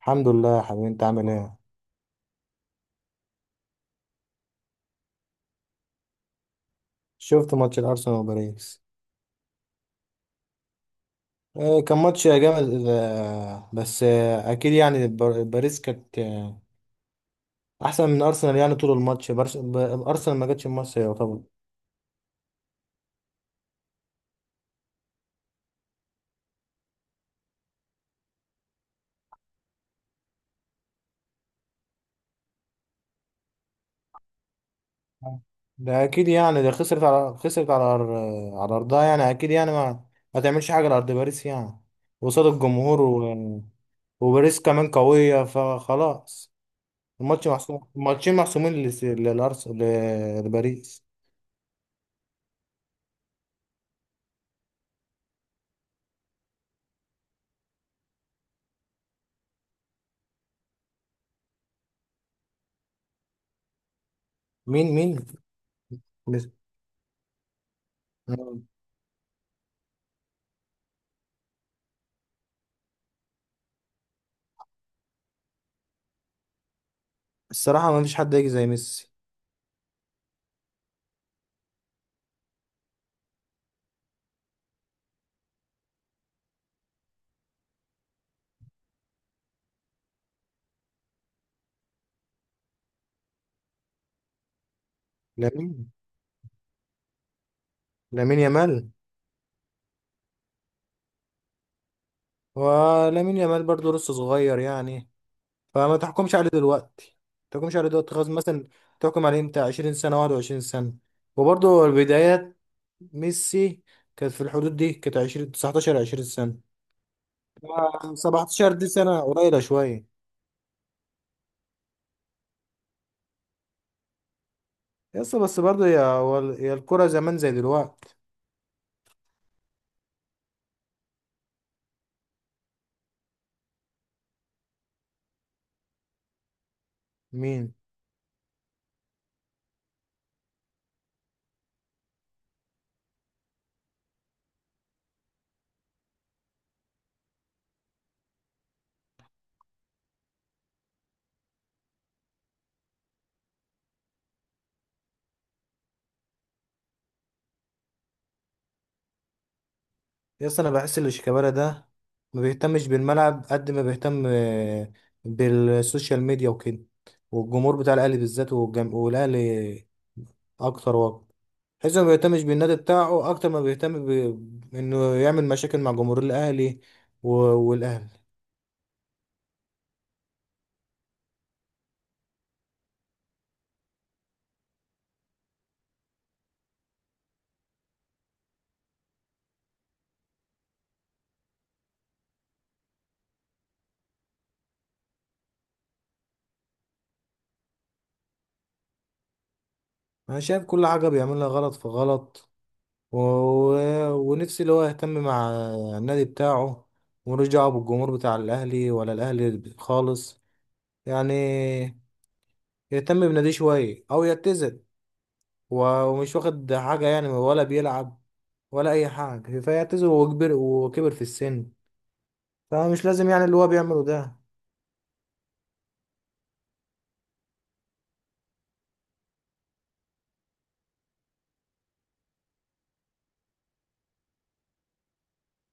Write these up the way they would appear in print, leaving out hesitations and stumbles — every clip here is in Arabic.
الحمد لله يا حبيبي، انت عامل ايه؟ شفت ماتش الارسنال وباريس. كان ماتش جامد. آه، بس آه، اكيد يعني باريس كانت احسن من ارسنال. يعني طول الماتش ارسنال ما جاتش مصر يعتبر. ده اكيد يعني ده خسرت على ارضها، يعني اكيد يعني ما تعملش حاجه لارض باريس يعني، قصاد الجمهور وباريس كمان قويه، فخلاص الماتش محسوم، الماتشين محسومين للارسنال، لباريس. مين؟ الصراحة ما فيش حد يجي زي ميسي. لامين لامين يامال، ولامين يامال برضه لسه صغير يعني، فما تحكمش عليه دلوقتي. ما تحكمش عليه دلوقتي خلاص مثلا، تحكم عليه امتى؟ 20 سنة، 21 سنة. وبرضه البدايات، ميسي كانت في الحدود دي، كانت 20، 19، 20 سنة. 17 دي سنة قليلة شوية. يس، بس برضه يا الكرة زمان زي دلوقتي؟ مين؟ يس، انا بحس ان شيكابالا ده ما بيهتمش بالملعب قد ما بيهتم بالسوشيال ميديا وكده، والجمهور بتاع الاهلي بالذات والاهلي اكتر وقت. حيث ما بيهتمش بالنادي بتاعه اكتر ما بيهتم انه يعمل مشاكل مع جمهور الاهلي والاهلي. انا شايف كل حاجه بيعملها غلط في غلط. ونفسي اللي هو يهتم مع النادي بتاعه، ملوش دعوه بالجمهور بتاع الاهلي ولا الاهلي خالص يعني. يهتم بناديه شوية أو يعتزل. ومش واخد حاجة يعني، ولا بيلعب ولا أي حاجة، فيعتزل. وكبر وكبر في السن، فمش لازم يعني اللي هو بيعمله ده.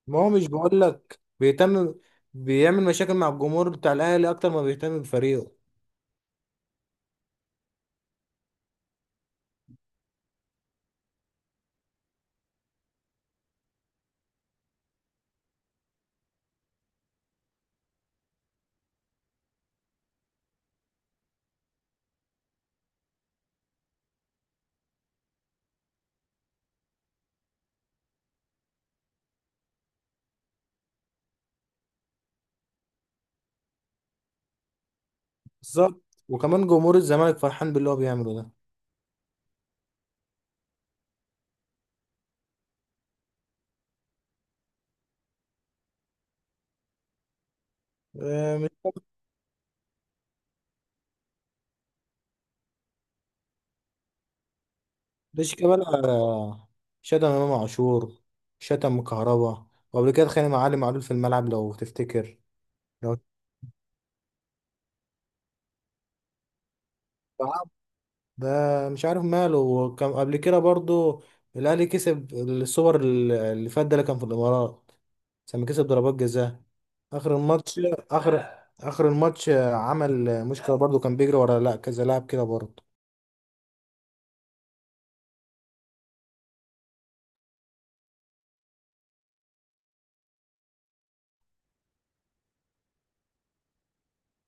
ما هو مش بقولك بيهتم، بيعمل مشاكل مع الجمهور بتاع الأهلي أكتر ما بيهتم بفريقه. بالظبط، وكمان جمهور الزمالك فرحان باللي هو بيعمله ده. آه، مش مش كمان شتم إمام عاشور، شتم كهربا، وقبل كده اتخانق مع علي معلول في الملعب لو تفتكر. لو ده مش عارف ماله. وكان قبل كده برضو الاهلي كسب السوبر اللي فات ده، اللي كان في الامارات، لما كسب ضربات جزاء اخر الماتش. اخر الماتش عمل مشكله برضو، كان بيجري ورا لا كذا لاعب كده برضو.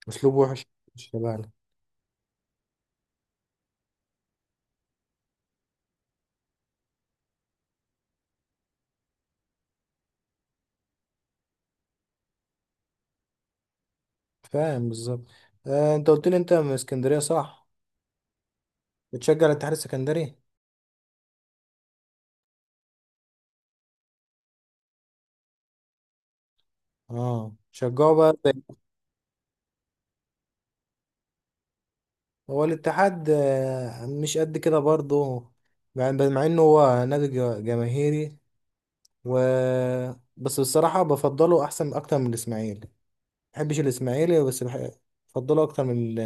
اسلوب وحش، مش تبعنا. فاهم بالظبط. آه، انت قلت لي انت من اسكندريه، صح؟ بتشجع الاتحاد السكندري. اه، شجعه بقى هو الاتحاد مش قد كده برضو، مع انه هو نادي جماهيري. و بس بصراحة بفضله أحسن أكتر من الإسماعيلي. ما بحبش الإسماعيلي، بفضله أكتر من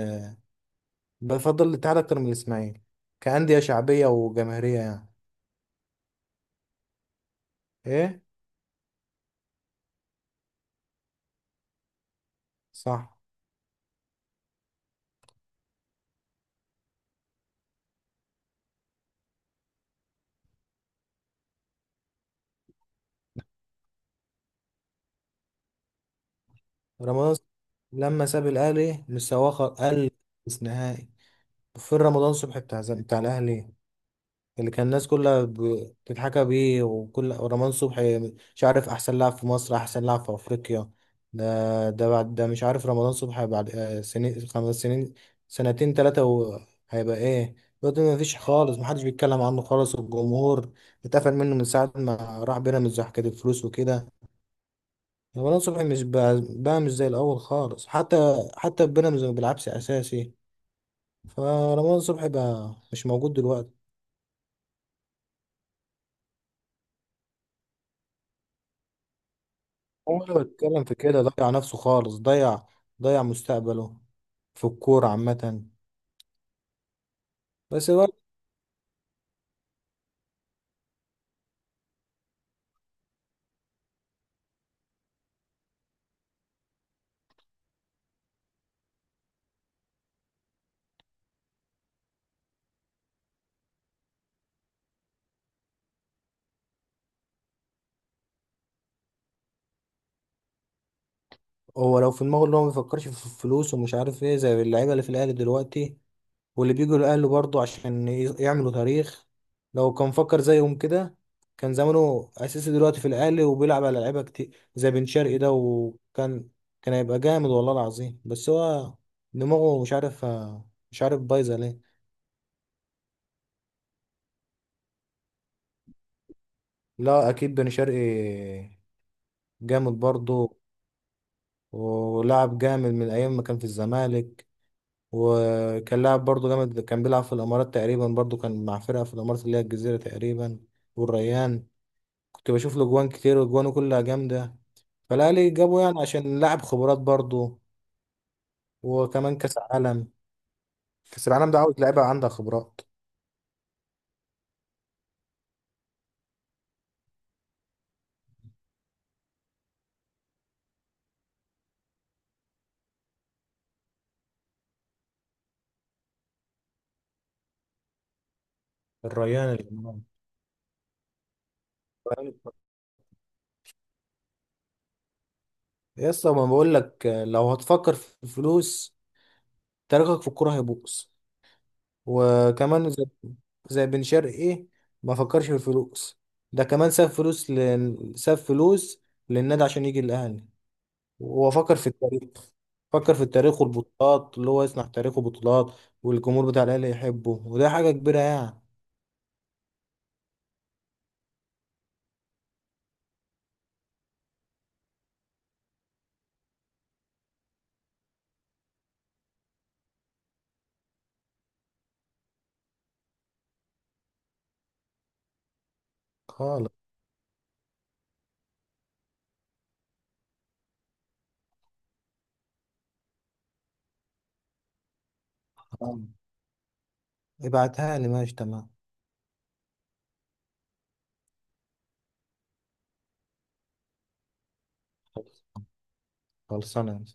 بفضل الاتحاد أكتر من الإسماعيلي كأندية شعبية وجماهيرية يعني. إيه؟ صح. رمضان ص- لما ساب الأهلي، مستواه قل في نهائي. وفين رمضان صبحي بتاع بتاع الأهلي، اللي كان الناس كلها بتتحكى بيه، وكل ورمضان صبحي مش عارف احسن لاعب في مصر، احسن لاعب في افريقيا؟ ده، ده بعد ده مش عارف رمضان صبحي بعد سنين، خمس سنين، سنتين، ثلاثة، هيبقى ايه؟ دلوقتي ما فيش خالص، محدش بيتكلم عنه خالص. والجمهور اتقفل منه من ساعة ما راح بيراميدز وحكاية الفلوس وكده. رمضان صبحي مش بقى مش زي الأول خالص، حتى في بيراميدز ما بيلعبش أساسي. فرمضان صبحي بقى مش موجود دلوقتي. هو اللي بيتكلم في كده ضيع نفسه خالص، ضيع مستقبله في الكورة عامة. بس برضه هو لو في دماغه اللي هو ما بيفكرش في الفلوس ومش عارف ايه، زي اللعيبة اللي في الأهلي دلوقتي واللي بيجوا الأهلي برضه عشان يعملوا تاريخ، لو كان فكر زيهم كده، كان زمانه أساسي دلوقتي في الأهلي وبيلعب على لعيبة كتير زي بن شرقي ده. وكان كان هيبقى جامد والله العظيم. بس هو دماغه مش عارف، مش عارف بايظة ليه. لا أكيد بن شرقي جامد برضه، ولاعب جامد من ايام ما كان في الزمالك. وكان لاعب برضه جامد، كان بيلعب في الامارات تقريبا برضه، كان مع فرقه في الامارات اللي هي الجزيره تقريبا، والريان. كنت بشوف له جوان كتير وجوانه كلها جامده. فالاهلي جابه يعني عشان لاعب خبرات برضه. وكمان كاس عالم. كاس العالم ده عاوز لعيبه عندها خبرات. الريان، الإمام. يا اسطى، ما بقول لك لو هتفكر في الفلوس، تاريخك في الكوره هيبوظ. وكمان زي زي بن شرقي ما فكرش في الفلوس. ده كمان ساب فلوس للنادي عشان يجي الاهلي، وهو فكر في التاريخ. فكر في التاريخ والبطولات، اللي هو يصنع تاريخه بطولات والجمهور بتاع الاهلي يحبه، وده حاجه كبيره يعني. خالص. ابعتها لي، ماشي، تمام. خلصانه.